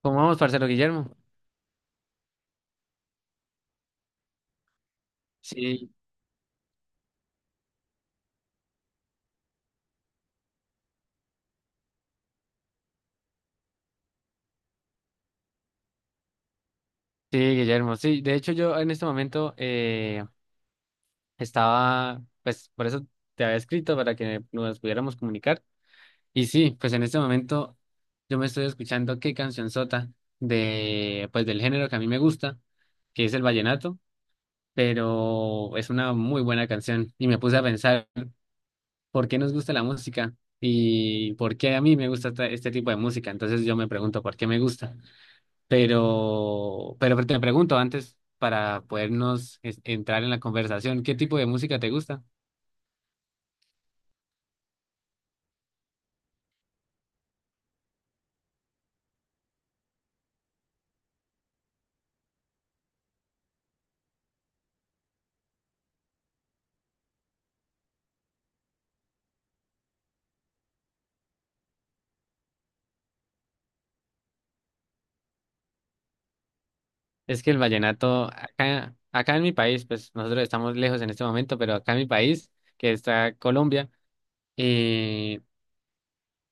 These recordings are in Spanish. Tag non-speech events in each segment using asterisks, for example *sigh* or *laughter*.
¿Cómo vamos, parcero Guillermo? Sí, sí, Guillermo. Sí, de hecho yo en este momento estaba, pues por eso te había escrito para que nos pudiéramos comunicar. Y sí, pues en este momento yo me estoy escuchando qué canción sota de, pues del género que a mí me gusta, que es el vallenato, pero es una muy buena canción. Y me puse a pensar por qué nos gusta la música y por qué a mí me gusta este tipo de música. Entonces yo me pregunto por qué me gusta. Pero te pregunto antes para podernos entrar en la conversación, ¿qué tipo de música te gusta? Es que el vallenato, acá en mi país, pues nosotros estamos lejos en este momento, pero acá en mi país, que está Colombia, eh,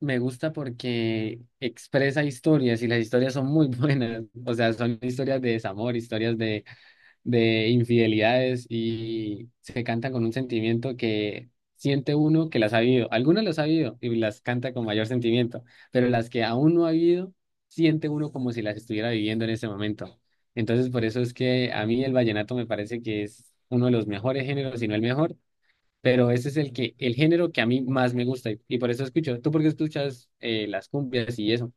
me gusta porque expresa historias y las historias son muy *laughs* buenas. O sea, son historias de desamor, historias de infidelidades y se cantan con un sentimiento que siente uno que las ha vivido. Algunas las ha vivido y las canta con mayor sentimiento, pero las que aún no ha vivido siente uno como si las estuviera viviendo en ese momento. Entonces, por eso es que a mí el vallenato me parece que es uno de los mejores géneros, si no el mejor, pero ese es el que, el género que a mí más me gusta y por eso escucho. ¿Tú por qué escuchas las cumbias y eso?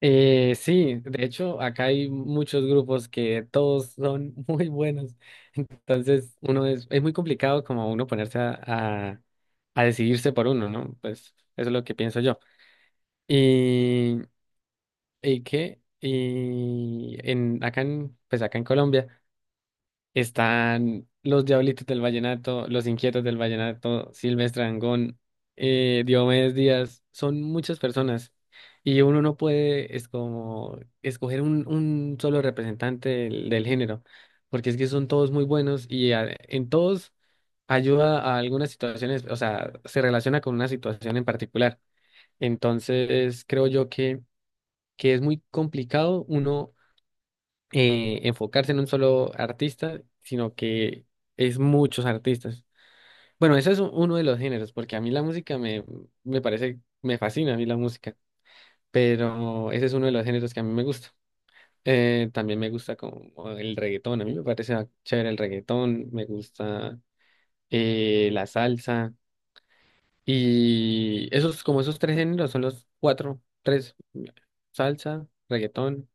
Sí, de hecho, acá hay muchos grupos que todos son *laughs* muy buenos. Entonces, uno es muy complicado como uno ponerse a decidirse por uno, ¿no? Pues eso es lo que pienso yo. Y, y qué, y en acá en, pues acá en Colombia. Están los Diablitos del Vallenato, los Inquietos del Vallenato, Silvestre Dangond, Diomedes Díaz, son muchas personas y uno no puede es como escoger un solo representante del, del género, porque es que son todos muy buenos y en todos ayuda a algunas situaciones, o sea, se relaciona con una situación en particular. Entonces, creo yo que es muy complicado uno enfocarse en un solo artista, sino que es muchos artistas. Bueno, eso es uno de los géneros, porque a mí la música me, me parece, me fascina a mí la música, pero ese es uno de los géneros que a mí me gusta. También me gusta como el reggaetón, a mí me parece chévere el reggaetón, me gusta la salsa y esos, como esos tres géneros son los cuatro, tres, salsa, reggaetón.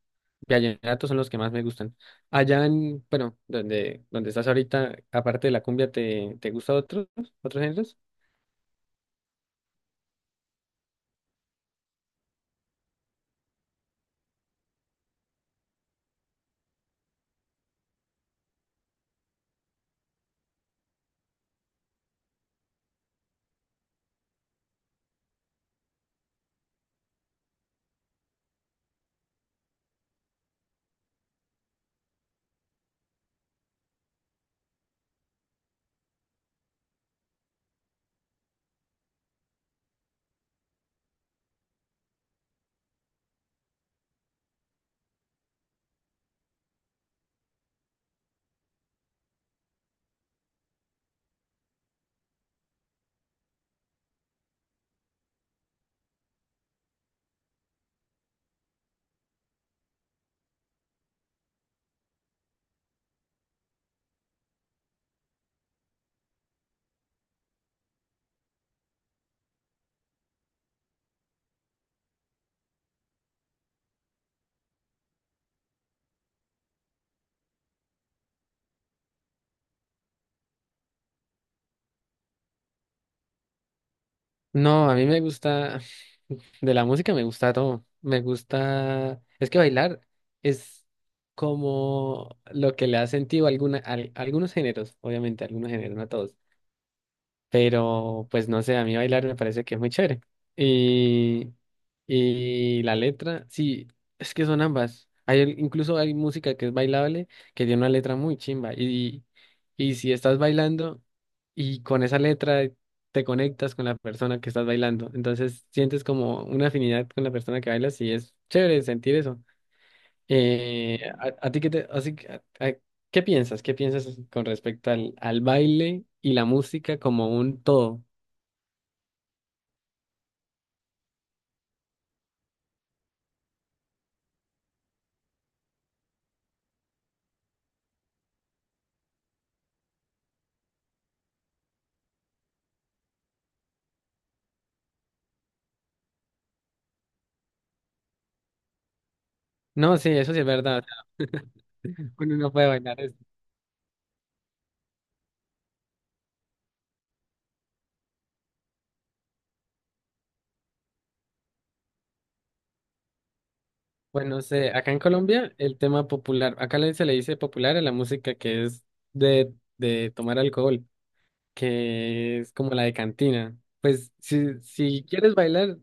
Vallenatos son los que más me gustan. Allá en, bueno, donde, donde estás ahorita, aparte de la cumbia, ¿te, te gusta otros, otros géneros? No, a mí me gusta, *laughs* de la música me gusta todo. Me gusta, es que bailar es como lo que le ha sentido alguna, algunos géneros, obviamente, algunos géneros, no a todos. Pero pues no sé, a mí bailar me parece que es muy chévere. Y, y la letra, sí, es que son ambas. Hay, incluso hay música que es bailable, que tiene una letra muy chimba. Y si estás bailando y con esa letra te conectas con la persona que estás bailando, entonces sientes como una afinidad con la persona que bailas y es chévere sentir eso. A ti qué te, así que, a- ¿qué piensas? ¿Qué piensas con respecto al, al baile y la música como un todo? No, sí, eso sí es verdad. O sea, *laughs* uno no puede bailar eso. Bueno, no sé, acá en Colombia el tema popular, acá se le dice popular a la música que es de tomar alcohol, que es como la de cantina. Pues si, si quieres bailar,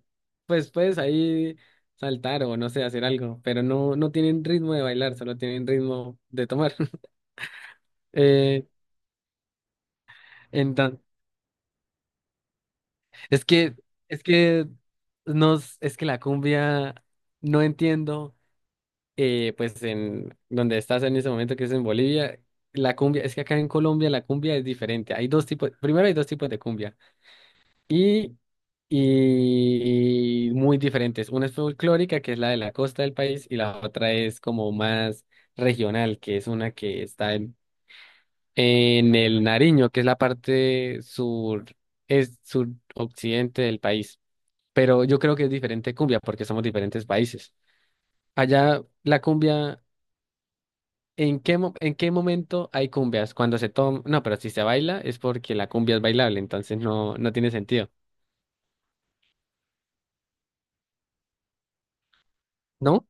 pues puedes ahí saltar o no sé, hacer algo, pero no, no tienen ritmo de bailar, solo tienen ritmo de tomar. Eh, entonces, es que, es que nos, es que la cumbia, no entiendo, pues en donde estás en ese momento que es en Bolivia, la cumbia, es que acá en Colombia la cumbia es diferente. Hay dos tipos, primero hay dos tipos de cumbia y, y muy diferentes. Una es folclórica, que es la de la costa del país, y la otra es como más regional, que es una que está en el Nariño, que es la parte sur, es suroccidente del país. Pero yo creo que es diferente cumbia porque somos diferentes países. Allá la cumbia, ¿en qué, en qué momento hay cumbias? Cuando se toma, no, pero si se baila es porque la cumbia es bailable, entonces no, no tiene sentido, ¿no?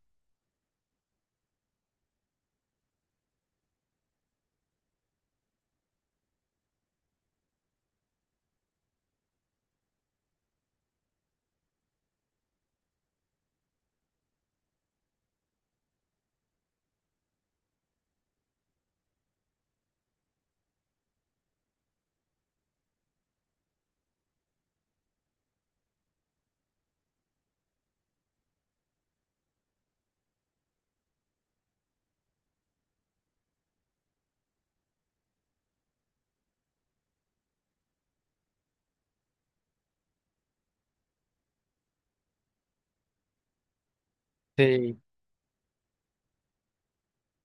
Sí,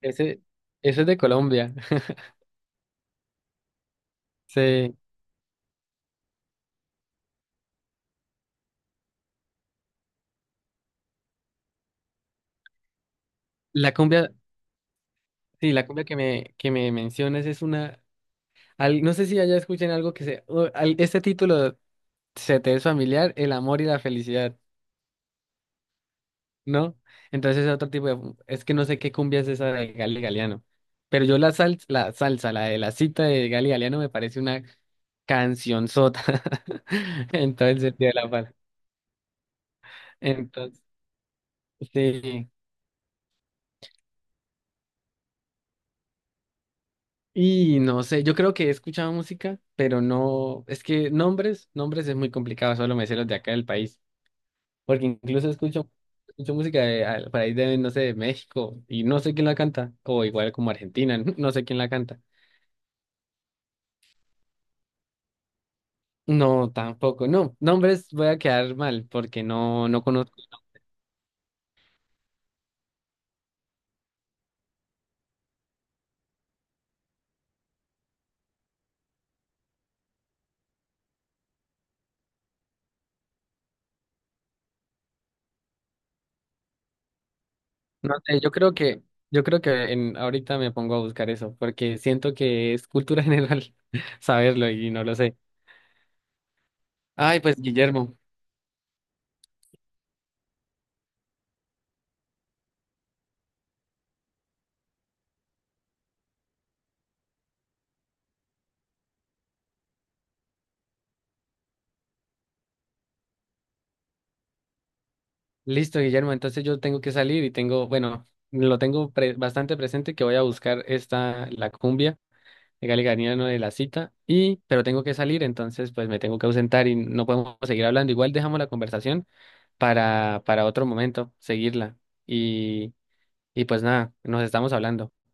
ese, eso es de Colombia. *laughs* Sí, la cumbia, sí, la cumbia que me mencionas es una, no sé si allá escuchen algo que se, o este título se te es familiar el amor y la felicidad, ¿no? Entonces es otro tipo de, es que no sé qué cumbia es esa de Gali Galeano, pero yo la sal, la salsa, la de la cita de Gali Galeano me parece una cancionzota *laughs* en todo el sentido de la palabra. Entonces, sí. Y no sé, yo creo que he escuchado música, pero no, es que nombres es muy complicado, solo me sé los de acá del país. Porque incluso escucho, escucho música de, por ahí de, no sé, de México y no sé quién la canta. O igual como Argentina, *laughs* no sé quién la canta. No, tampoco. No, nombres voy a quedar mal porque no, no conozco. No sé, yo creo que en, ahorita me pongo a buscar eso porque siento que es cultura *laughs* general saberlo y no lo sé. Ay, pues Guillermo. Listo, Guillermo. Entonces yo tengo que salir y tengo, bueno, lo tengo bastante presente que voy a buscar esta, la cumbia. Legal y ganiano de la cita, y, pero tengo que salir, entonces pues me tengo que ausentar y no podemos seguir hablando. Igual dejamos la conversación para otro momento, seguirla. Y, y pues nada, nos estamos hablando.